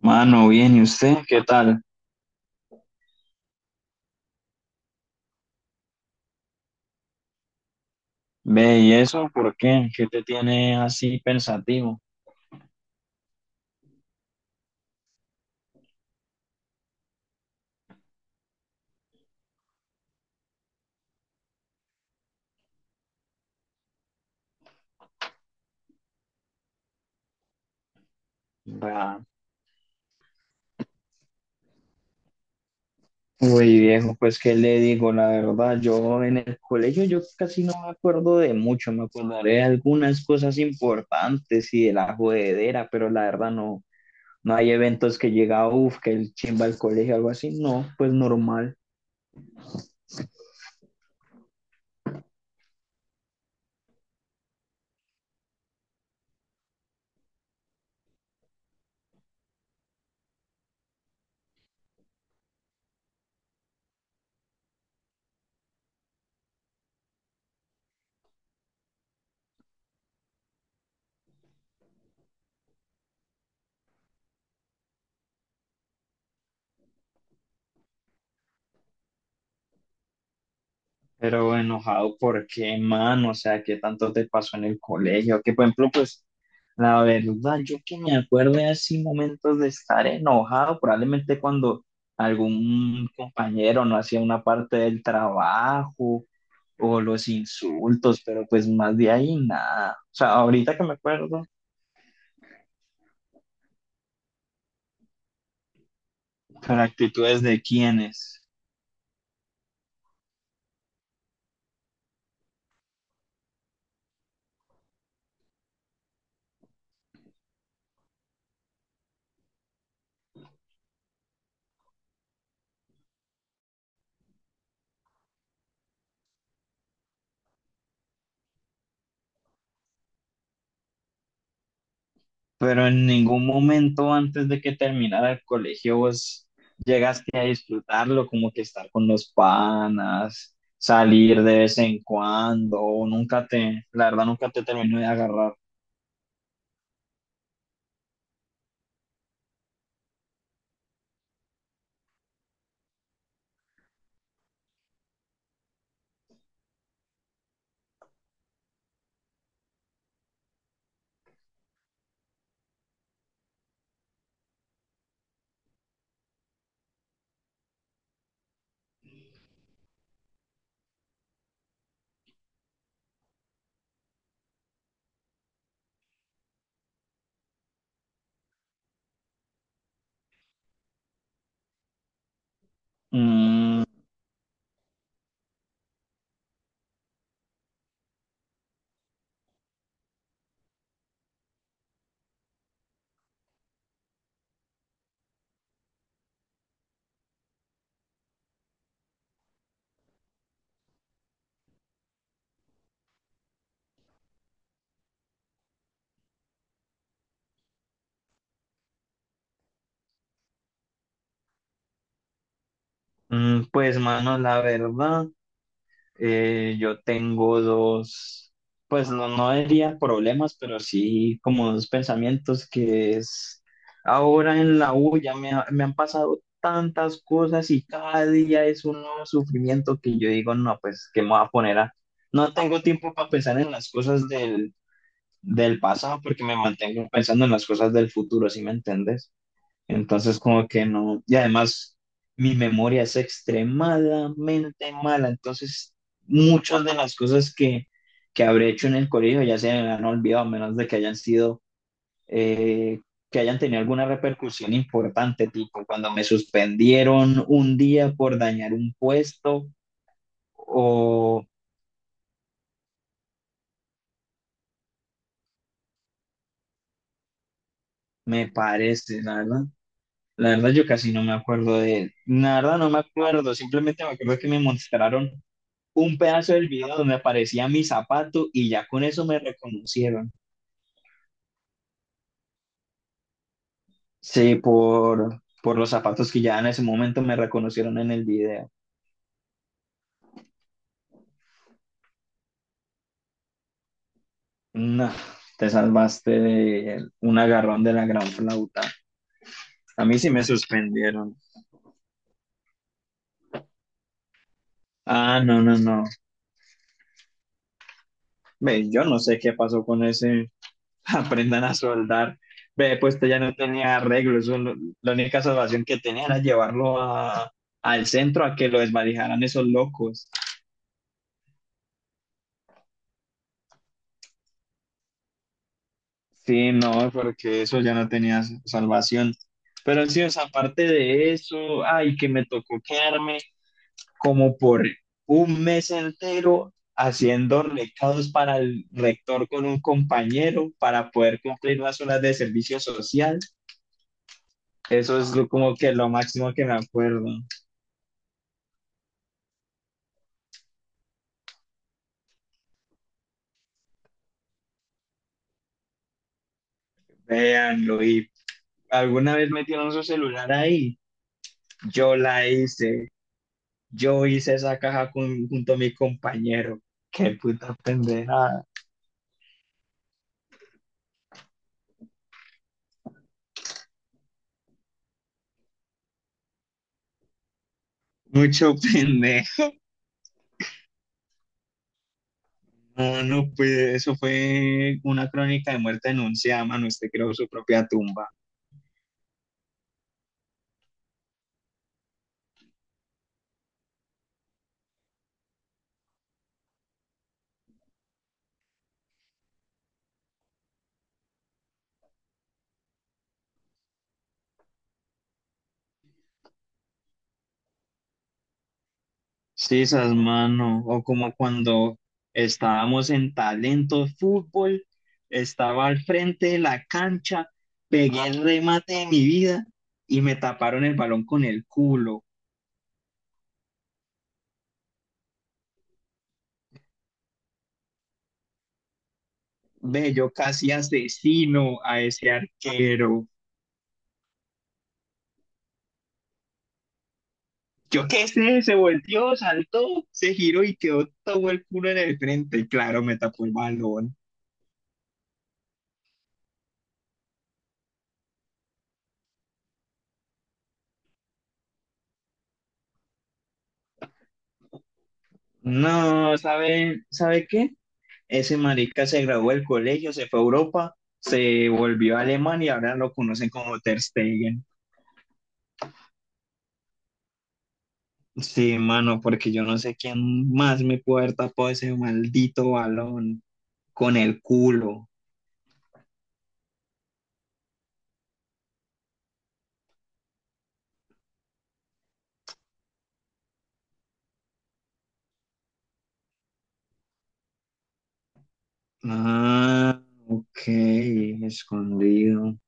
Mano, bien, ¿y usted qué tal? Ve, ¿y eso por qué? ¿Qué te tiene así pensativo? Ah, güey, viejo, pues qué le digo, la verdad, yo en el colegio yo casi no me acuerdo de mucho, me acordaré de algunas cosas importantes y de la jodedera, pero la verdad no, no hay eventos que llega, uff, que el chimba al colegio, algo así, no, pues normal. Pero bueno, enojado, ¿por qué, mano? O sea, ¿qué tanto te pasó en el colegio? Que, por ejemplo, pues, la verdad, yo que me acuerdo de así momentos de estar enojado, probablemente cuando algún compañero no hacía una parte del trabajo o los insultos, pero pues más de ahí nada. O sea, ahorita que me acuerdo, pero actitudes de quiénes. Pero en ningún momento antes de que terminara el colegio vos llegaste a disfrutarlo, como que estar con los panas, salir de vez en cuando, o nunca te, la verdad nunca te terminó de agarrar. Mm, mm, pues mano, la verdad, yo tengo dos, pues no, no diría problemas, pero sí como dos pensamientos que es, ahora en la U ya me han pasado tantas cosas y cada día es un nuevo sufrimiento que yo digo, no, pues, ¿qué me voy a poner a...? No tengo tiempo para pensar en las cosas del pasado porque me mantengo pensando en las cosas del futuro, ¿sí me entiendes? Entonces, como que no, y además mi memoria es extremadamente mala, entonces muchas de las cosas que habré hecho en el colegio ya se me han olvidado, a menos de que hayan eh, que hayan tenido alguna repercusión importante, tipo cuando me suspendieron un día por dañar un puesto, o me parece, la verdad. La verdad, yo casi no me acuerdo la verdad no me acuerdo, simplemente me acuerdo que me mostraron un pedazo del video donde aparecía mi zapato y ya con eso me reconocieron. Sí, por los zapatos que ya en ese momento me reconocieron en el video. No, te salvaste de un agarrón de la gran flauta. A mí sí me suspendieron. Ah, no, no, no. Ve, yo no sé qué pasó con ese. Aprendan a soldar. Ve, pues esto ya no tenía arreglo. Eso, la única salvación que tenía era llevarlo al centro a que lo desvalijaran esos locos. Sí, no, porque eso ya no tenía salvación. Pero sí, o sea, aparte de eso, ay, que me tocó quedarme como por un mes entero haciendo recados para el rector con un compañero para poder cumplir las horas de servicio social. Eso es como que lo máximo que me acuerdo. Véanlo, y alguna vez metieron su celular ahí. Yo la hice, yo hice esa caja junto a mi compañero. Qué puta pendeja. Mucho pendejo. No, no, pues eso fue una crónica de muerte anunciada, mano. Usted creó su propia tumba. Sí, esas mano. O como cuando estábamos en Talento Fútbol, estaba al frente de la cancha, pegué el remate de mi vida y me taparon el balón con el culo. Ve, yo casi asesino a ese arquero. Yo qué sé, se volteó, saltó, se giró y quedó todo el culo en el frente. Y claro, me tapó el balón. No, ¿sabe qué? Ese marica se graduó del colegio, se fue a Europa, se volvió a Alemania y ahora lo conocen como Ter Stegen. Sí, mano, porque yo no sé quién más me puede haber tapado ese maldito balón con el culo. Ah, ok, escondido.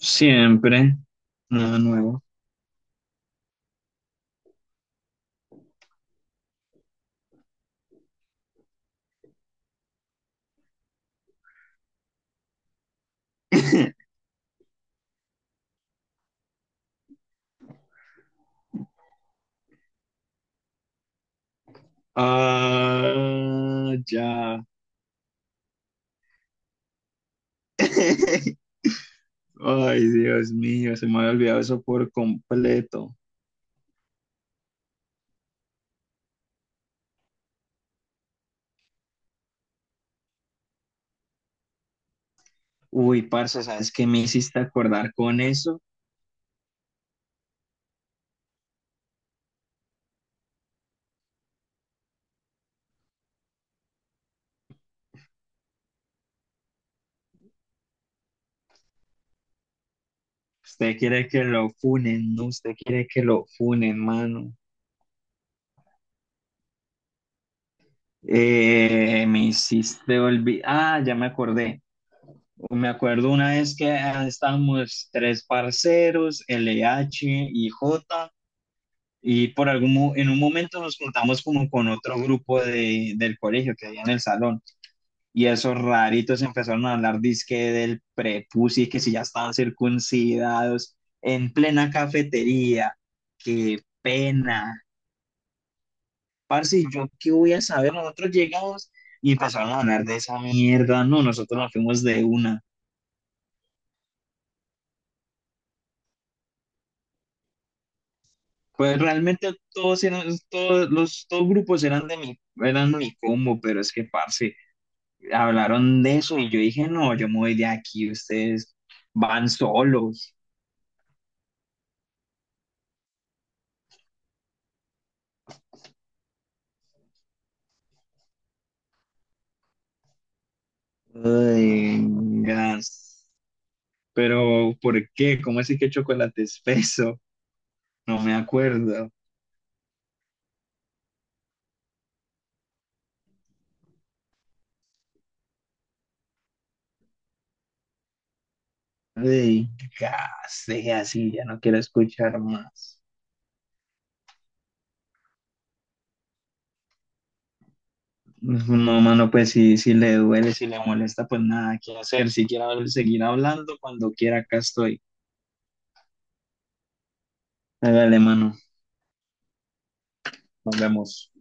Siempre. Nada nuevo. Ah, ya. Ay, Dios mío, se me había olvidado eso por completo. Uy, parce, ¿sabes qué me hiciste acordar con eso? Usted quiere que lo funen, ¿no? Usted quiere que lo funen, mano. Me hiciste olvidar. Ah, ya me acordé. Me acuerdo una vez que estábamos tres parceros, LH y J, y en un momento nos juntamos como con otro grupo del colegio que había en el salón. Y esos raritos empezaron a hablar dizque del prepucio y que si ya estaban circuncidados en plena cafetería. Qué pena. Parce, ¿yo qué voy a saber? Nosotros llegamos y empezaron a hablar de esa mierda. No, nosotros nos fuimos de una. Pues realmente todos eran, todos los todos grupos eran eran mi combo, pero es que, parce, hablaron de eso y yo dije, no, yo me voy de aquí, ustedes van solos. Ay, gas. Pero, ¿por qué? ¿Cómo así que chocolate espeso? No me acuerdo. Ey, ya, sí, así, ya no quiero escuchar más. No, mano, pues si le duele, si le molesta, pues nada, qué hacer. Si quiere seguir hablando, cuando quiera, acá estoy. Hágale, mano, nos vemos.